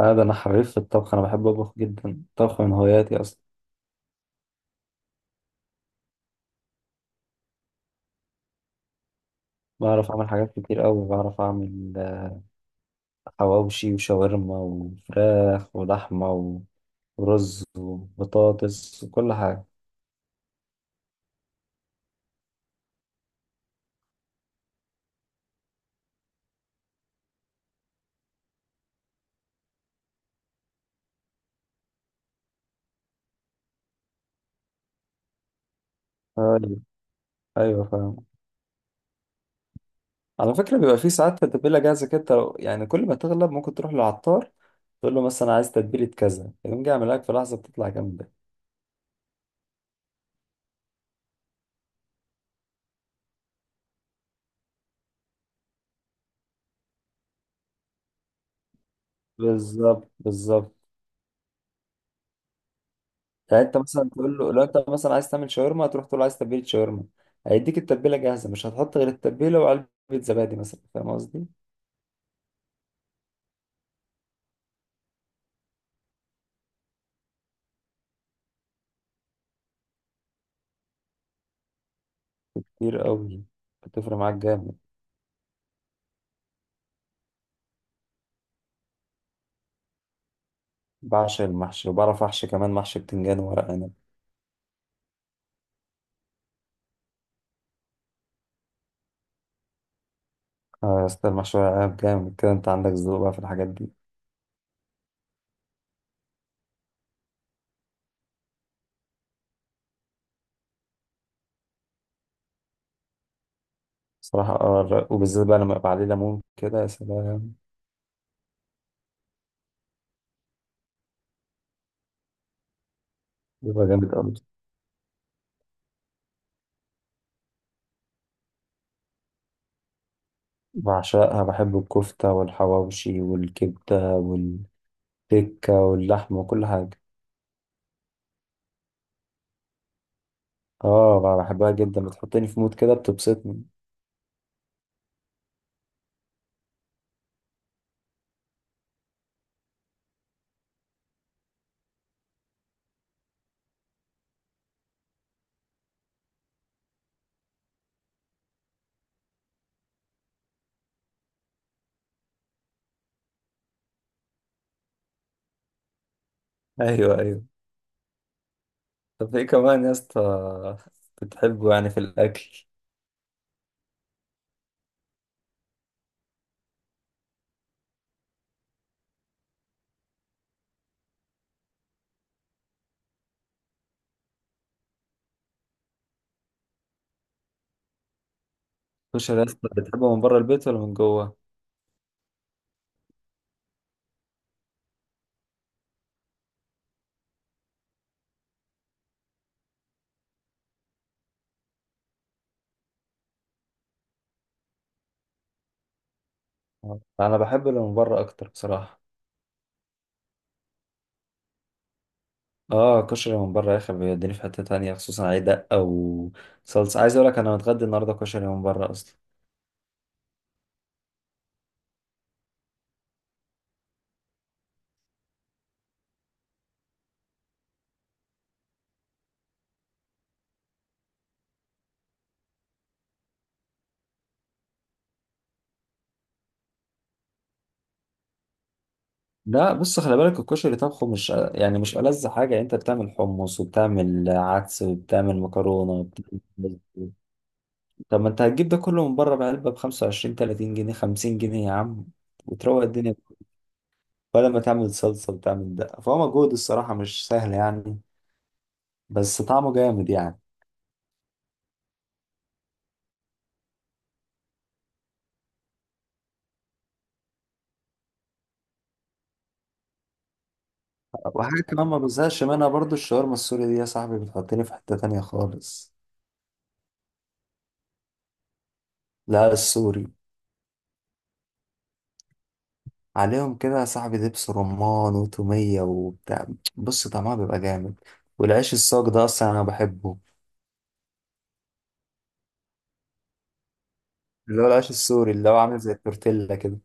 اه ده انا حريف في الطبخ، انا بحب اطبخ جدا. الطبخ من هواياتي اصلا. بعرف اعمل حاجات كتير قوي. بعرف اعمل حواوشي وشاورما وفراخ ولحمه ورز وبطاطس وكل حاجه. ايوه ايوه فاهم. على فكره بيبقى في ساعات تتبيله جاهزه كده، يعني كل ما تغلب ممكن تروح للعطار تقول له مثلا عايز تتبيله كذا، يقوم جاي يعمل لك في لحظه بتطلع جامده. بالظبط بالظبط. يعني انت مثلا تقول له لو انت مثلا عايز تعمل شاورما، هتروح تقول له عايز تتبيله شاورما، هيديك التتبيله جاهزه، مش هتحط غير التتبيله وعلبه زبادي مثلا، فاهم قصدي؟ كتير قوي، بتفرق معاك جامد. بعشق المحشي وبعرف احشي كمان، محشي بتنجان وورق عنب. اه يا اسطى، المحشي ورق عنب جامد كده، انت عندك ذوق بقى في الحاجات دي. صراحه اه وبالذات بقى لما يبقى عليه ليمون كده، يا سلام. بيبقى جامد قوي. بعشقها، بحب الكفته والحواوشي والكبده والتكه واللحمه وكل حاجه. اه بقى بحبها جدا، بتحطني في مود كده، بتبسطني. ايوه ايوه، طب ايه كمان يا اسطى بتحبه يعني في الاكل؟ الكشري يا اسطى بتحبه من بره البيت ولا من جوه؟ آه، انا بحب اللي من بره اكتر بصراحه. اه كشري من بره يا اخي بيوديني في حته تانية، خصوصا عليه دقه وصلصه. عايز اقول لك انا متغدي النهارده كشري من بره اصلا. لا بص، خلي بالك، الكشري طبخه مش يعني مش ألذ حاجه. انت بتعمل حمص وبتعمل عدس وبتعمل مكرونه وبتعمل، طب ما انت هتجيب ده كله من بره بعلبة ب 25 30 جنيه 50 جنيه يا عم وتروق الدنيا؟ ولا ما تعمل صلصة وتعمل دقة، فهو مجهود الصراحة مش سهل يعني، بس طعمه جامد يعني. وحاجة كمان ما بزهقش منها برضو، الشاورما السوري دي يا صاحبي بتحطني في حتة تانية خالص. لا السوري. عليهم كده يا صاحبي دبس رمان وتومية وبتاع، بص طعمها بيبقى جامد. والعيش الصاج ده أصلا أنا بحبه، اللي هو العيش السوري اللي هو عامل زي التورتيلا كده.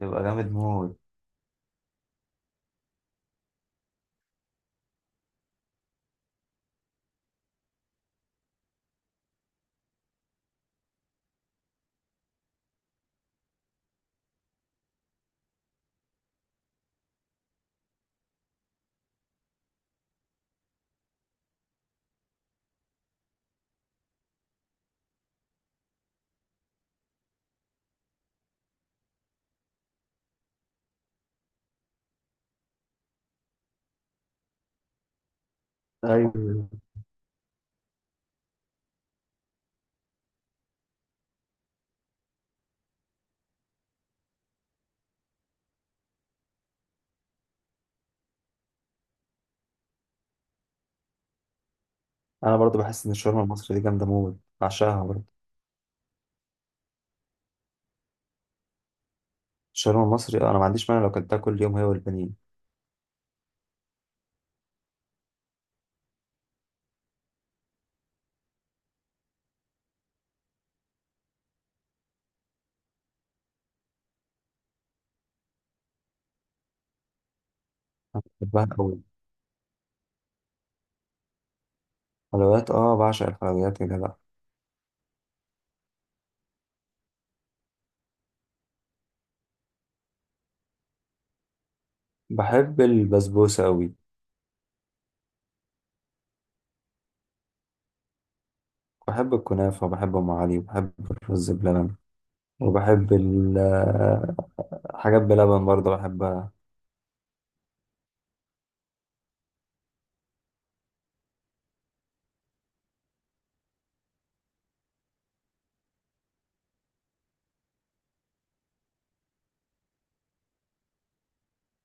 بيبقى جامد موت. ايوه انا برضو بحس ان الشاورما المصري دي جامده موت، بعشقها برضو. الشاورما المصري انا ما عنديش مانع لو كلتها كل يوم، هي والبانيه. بحبها قوي. حلويات اه، بعشق الحلويات يا جدع. بحب البسبوسه قوي. بحب الكنافه وبحب ام علي وبحب الرز بلبن وبحب حاجات بلبن برضو بحبها.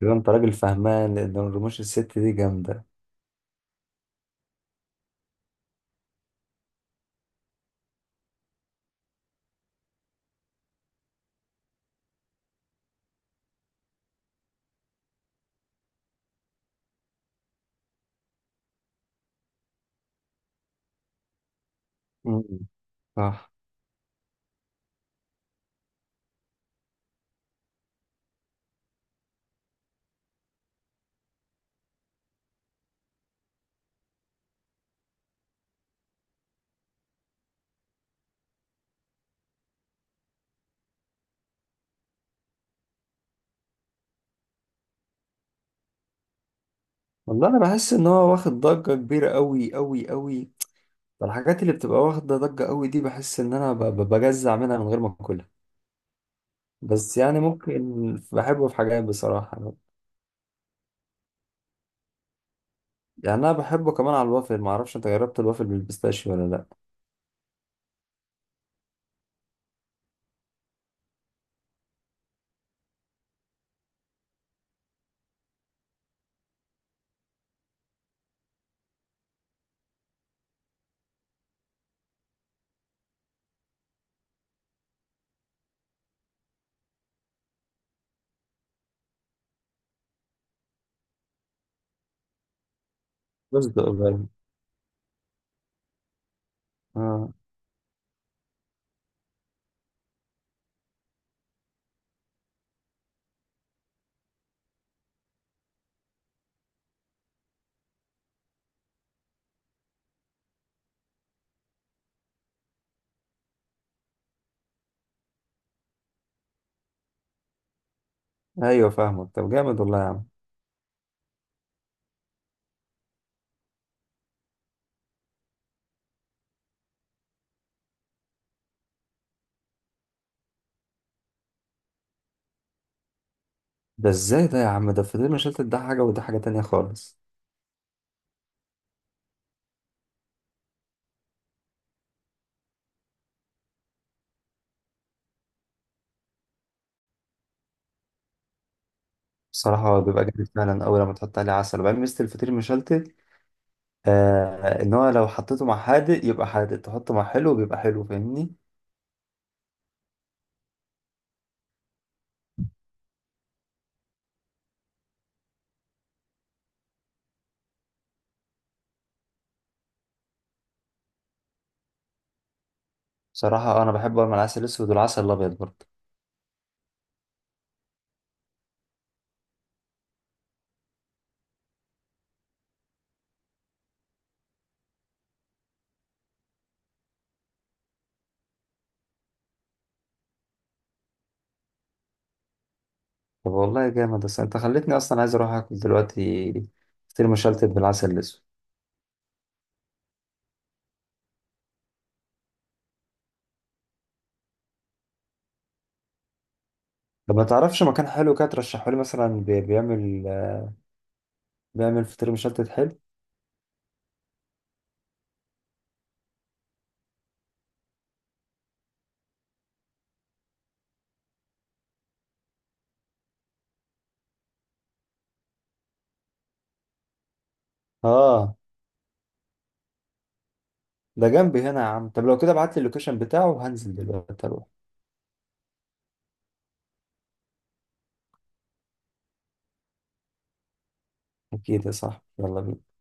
كده انت راجل فهمان، لان الرموش الست دي جامده. مم. صح. والله انا بحس ان هو واخد ضجه كبيره قوي قوي قوي. الحاجات اللي بتبقى واخده ضجه قوي دي بحس ان انا بجزع منها من غير ما اكلها. بس يعني ممكن بحبه في حاجات بصراحة. يعني أنا بحبه كمان على الوافل. معرفش أنت جربت الوافل بالبيستاشيو ولا لأ؟ بس ده قليل. آه أيوة فاهمك، طب جامد والله يا عم. ده إزاي ده يا عم؟ ده الفطير مشلتت ده حاجة، وده حاجة تانية خالص. بصراحة هو بيبقى جامد فعلا، أول لما تحط عليه عسل. وبعدين ميزة الفطير مشلتت إن هو لو حطيته مع حادق يبقى حادق، تحطه مع حلو بيبقى حلو، فاهمني؟ بصراحة أنا بحبه مع العسل الأسود والعسل الأبيض برضه. طب والله جامد، بس انت خلتني اصلا عايز اروح اكل دلوقتي فطير مشلتت بالعسل الاسود. طب ما تعرفش مكان حلو كده ترشحه لي مثلا بيعمل فطير مشلتت حلو؟ اه ده جنبي هنا يا عم، طب لو كده ابعت لي اللوكيشن بتاعه وهنزل دلوقتي اروح. اكيد يا صاحبي، يلا بينا.